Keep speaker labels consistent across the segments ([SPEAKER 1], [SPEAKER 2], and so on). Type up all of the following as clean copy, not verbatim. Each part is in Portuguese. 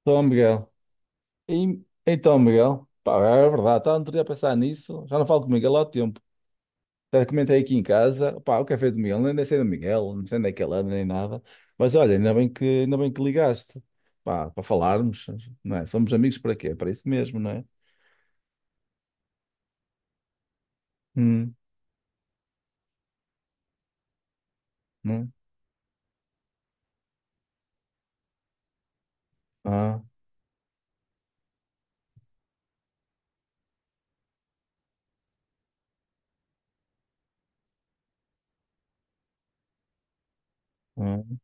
[SPEAKER 1] Então, Miguel. E- então, Miguel. Pá, é verdade, estava outro dia a pensar nisso. Já não falo com o Miguel há tempo. Até comentei aqui em casa. Pá, o café do Miguel. Nem sei do Miguel, não sei onde é que ele anda, nem nada. Mas olha, ainda bem que ligaste. Pá, para falarmos, não é? Somos amigos para quê? Para isso mesmo, não é? Hum, não é? Ah, ah.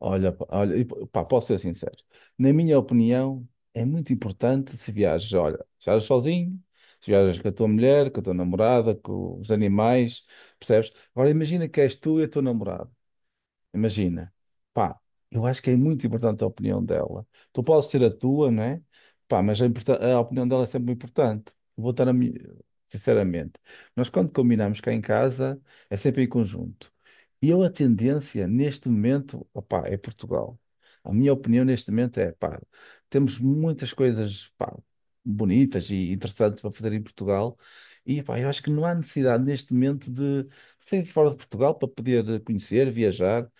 [SPEAKER 1] Olha, pá, olha, e, pá, posso ser sincero. Na minha opinião, é muito importante se viajas, olha, se viajas sozinho, se viajas com a tua mulher, com a tua namorada, com os animais, percebes? Agora imagina que és tu e a tua namorada. Imagina, pá, eu acho que é muito importante a opinião dela. Tu podes ter a tua, não é? Pá, mas a, a opinião dela é sempre importante. Vou estar a mi- sinceramente. Nós quando combinamos cá em casa é sempre em conjunto. E eu a tendência neste momento, opá, é Portugal. A minha opinião neste momento é, pá, temos muitas coisas, pá, bonitas e interessantes para fazer em Portugal. E, pá, eu acho que não há necessidade neste momento de sair de fora de Portugal para poder conhecer, viajar.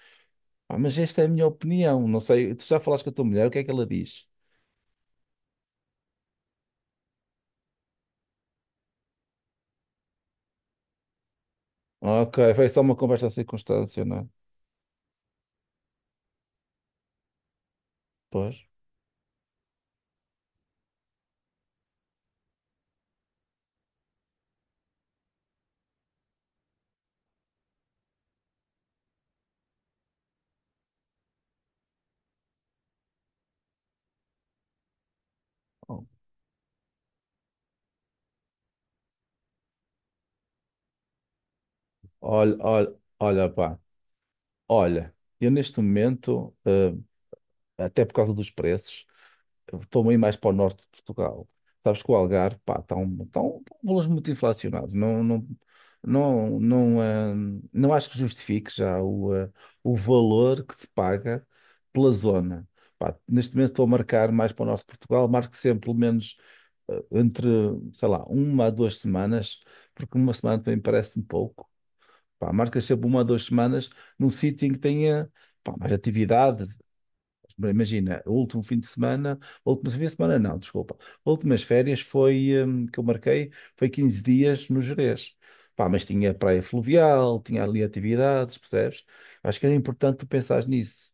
[SPEAKER 1] Ah, mas esta é a minha opinião. Não sei, tu já falaste com a tua mulher, o que é que ela diz? Ok, foi só uma conversa circunstancial. Pois. Oh. Olha, pá. Olha, eu neste momento, até por causa dos preços, estou meio mais para o norte de Portugal. Sabes que o Algarve, pá, está um valores muito inflacionados. Não, não, não, não, não acho que justifique já o valor que se paga pela zona. Pá, neste momento estou a marcar mais para o norte de Portugal, marco sempre pelo menos entre, sei lá, uma a duas semanas, porque uma semana também parece-me pouco. Pá, marcas sempre uma a duas semanas num sítio em que tenha, pá, mais atividade. Bem, imagina, o último fim de semana, o último fim de semana não, desculpa. Últimas férias foi, que eu marquei, foi 15 dias no Gerês. Pá, mas tinha praia fluvial, tinha ali atividades, percebes? Acho que era importante tu pensares nisso.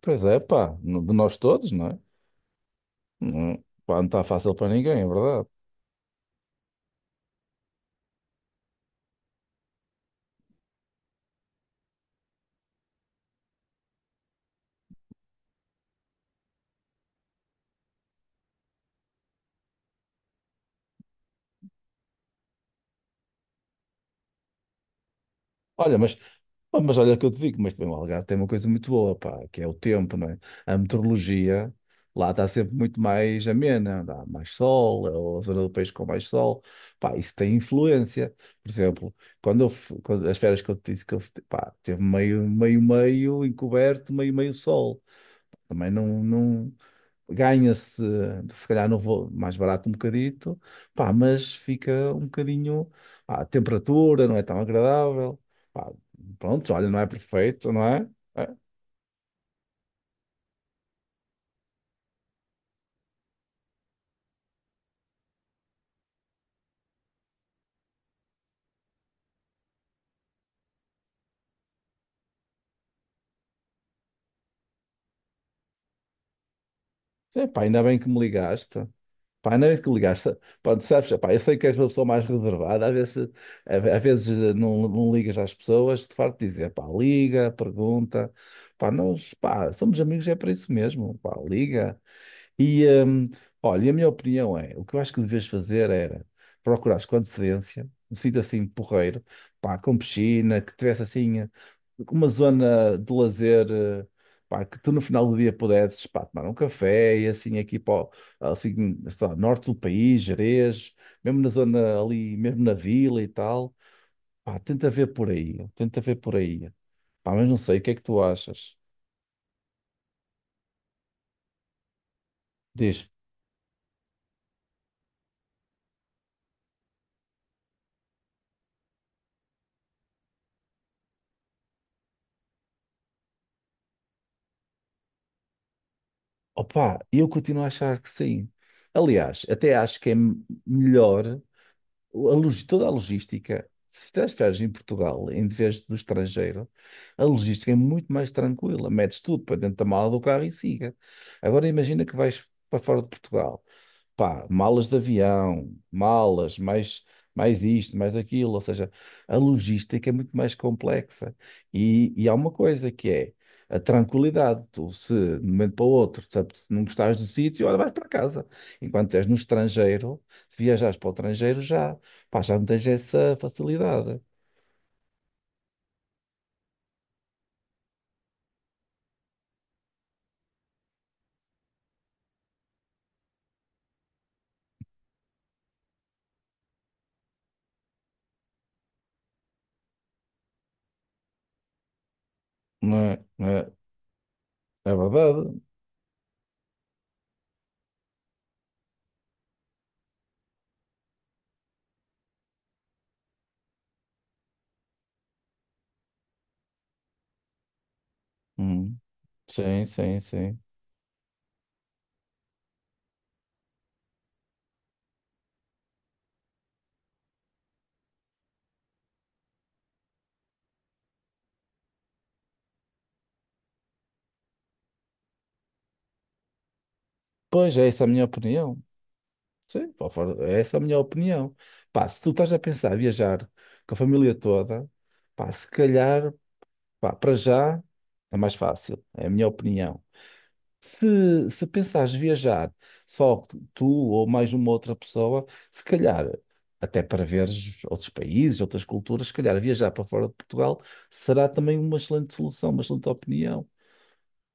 [SPEAKER 1] Pois é, pá, de nós todos, não é? Não, pá, não está fácil para ninguém, é verdade. Olha, mas olha o que eu te digo, mas também o Algarve tem uma coisa muito boa, pá, que é o tempo, não é? A meteorologia lá está sempre muito mais amena, dá mais sol, é a zona do país com mais sol, pá, isso tem influência. Por exemplo, quando eu, fu- quando- as férias que eu te disse pá, teve meio, meio, meio encoberto, meio, meio sol. Também não, não ganha-se, se calhar não vou mais barato um bocadito, pá, mas fica um bocadinho, pá, a temperatura não é tão agradável, pá, pronto, olha, não é perfeito, não é? É, é, pá, ainda bem que me ligaste. Pá, ainda bem que ligaste. Pronto, sabes, pá, eu sei que és uma pessoa mais reservada, às vezes, às vezes não, não ligas às pessoas, de farto de dizer, pá, liga, pergunta, pá, nós, pá, somos amigos, é para isso mesmo, pá, liga. E, olha, e a minha opinião é, o que eu acho que devias fazer era procurares com antecedência, um sítio assim porreiro, pá, com piscina, que tivesse assim uma zona de lazer, pá, que tu no final do dia pudesses, pá, tomar um café e assim aqui assim, sei lá, norte do país, Jerez, mesmo na zona ali, mesmo na vila e tal, pá, tenta ver por aí, tenta ver por aí. Pá, mas não sei, o que é que tu achas? Diz. Opa, eu continuo a achar que sim. Aliás, até acho que é melhor toda a logística. Se transferes em Portugal em vez do estrangeiro, a logística é muito mais tranquila. Metes tudo para dentro da mala do carro e siga. Agora imagina que vais para fora de Portugal, pá, malas de avião, malas, mais, mais isto, mais aquilo. Ou seja, a logística é muito mais complexa. E há uma coisa que é a tranquilidade. Tu, se de um momento para o outro, se não gostares do sítio, olha, vais para casa. Enquanto és no estrangeiro, se viajares para o estrangeiro, já, pá, já não tens essa facilidade. Não é, não é, é verdade. Hum, sim, sim, sim. Pois é, essa é a minha opinião. Sim, pá, essa é a minha opinião. Pá, se tu estás a pensar em viajar com a família toda, pá, se calhar, pá, para já é mais fácil, é a minha opinião. Se pensares viajar só tu ou mais uma outra pessoa, se calhar, até para veres outros países, outras culturas, se calhar viajar para fora de Portugal será também uma excelente solução, uma excelente opinião.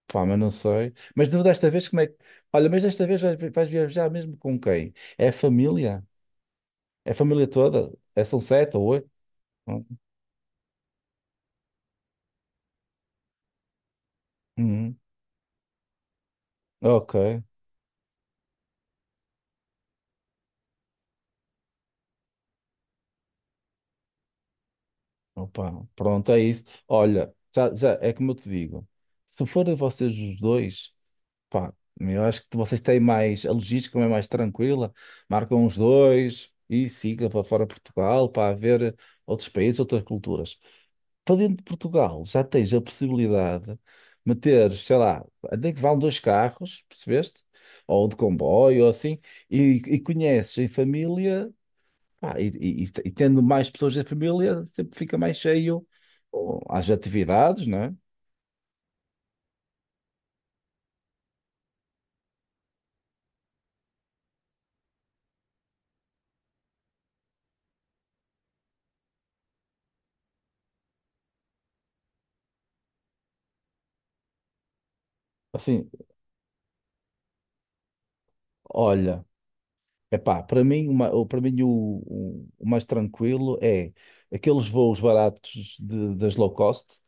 [SPEAKER 1] Pá, mas não sei. Mas desta vez, como é que. Olha, mas desta vez vais viajar mesmo com quem? É a família? É a família toda? É, são sete ou oito? Uhum. Ok. Opa, pronto, é isso. Olha, já é como eu te digo. Se forem vocês os dois, pá, eu acho que vocês têm mais, a logística é mais tranquila, marcam os dois e siga para fora de Portugal para ver outros países, outras culturas. Para dentro de Portugal já tens a possibilidade de meter, sei lá, até que vão dois carros, percebeste? Ou de comboio, ou assim, e conheces em família. Ah, e tendo mais pessoas da família, sempre fica mais cheio oh, às atividades, não é? Assim, olha, epá, para mim o mais tranquilo é aqueles voos baratos das low cost.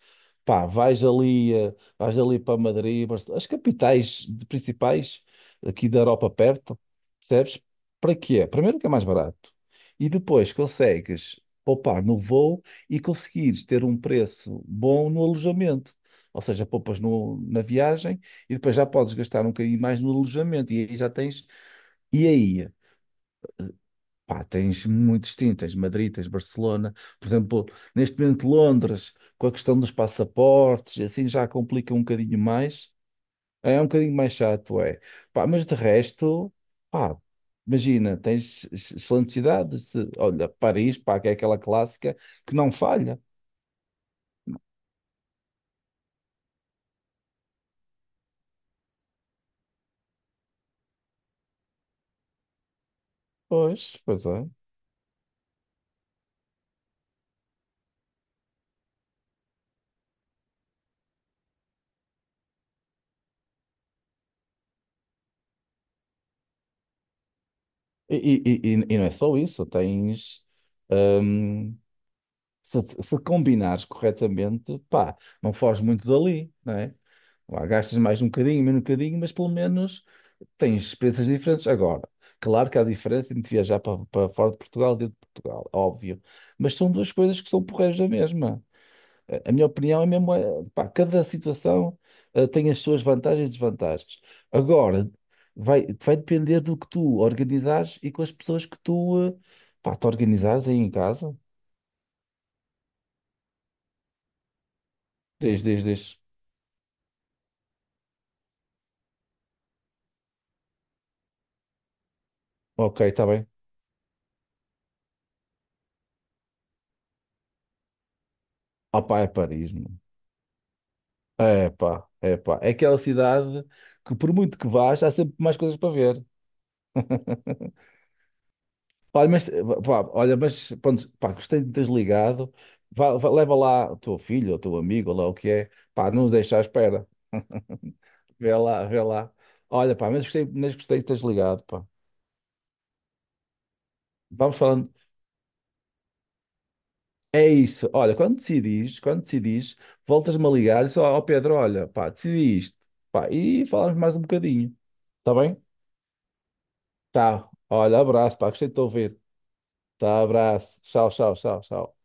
[SPEAKER 1] Pá, vais ali, vais ali para Madrid, Barcelona, as capitais principais aqui da Europa perto, percebes? Para quê? Primeiro que é mais barato. E depois consegues poupar no voo e conseguires ter um preço bom no alojamento. Ou seja, poupas na viagem e depois já podes gastar um bocadinho mais no alojamento. E aí já tens. E aí? Pá, tens Madrid, tens Barcelona, por exemplo, neste momento Londres, com a questão dos passaportes, e assim já complica um bocadinho mais, é um bocadinho mais chato, é. Pá, mas de resto, pá, imagina, tens excelentes cidades, olha, Paris, pá, que é aquela clássica que não falha. Pois, pois é. E não é só isso, tens, hum, se combinares corretamente, pá, não foges muito dali, não é? Lá gastas mais um bocadinho, menos um bocadinho, mas pelo menos tens experiências diferentes agora. Claro que há diferença entre viajar para, para fora de Portugal e dentro de Portugal, óbvio. Mas são duas coisas que são porreiras da mesma. A minha opinião é mesmo, pá, cada situação tem as suas vantagens e desvantagens. Agora, vai depender do que tu organizares e com as pessoas que tu, pá, te organizares aí em casa. Diz, diz, diz. Ok, está bem. Opá, é Paris, meu. É pá, é pá. É aquela cidade que, por muito que vás, há sempre mais coisas para ver. Olha, mas, pá, olha, mas pronto, pá, gostei de teres ligado. Leva lá o teu filho, ou o teu amigo, ou lá o que é. Pá, não nos deixa à espera. Vê lá, vê lá. Olha, pá, mas gostei de teres ligado, pá. Vamos falando. É isso. Olha, quando decidis, voltas-me a ligar e só, ó Pedro, olha, pá, decidi isto. Pá, e falamos mais um bocadinho. Está bem? Tá. Olha, abraço, pá, gostei de te ouvir. Tá, abraço. Tchau, tchau, tchau, tchau.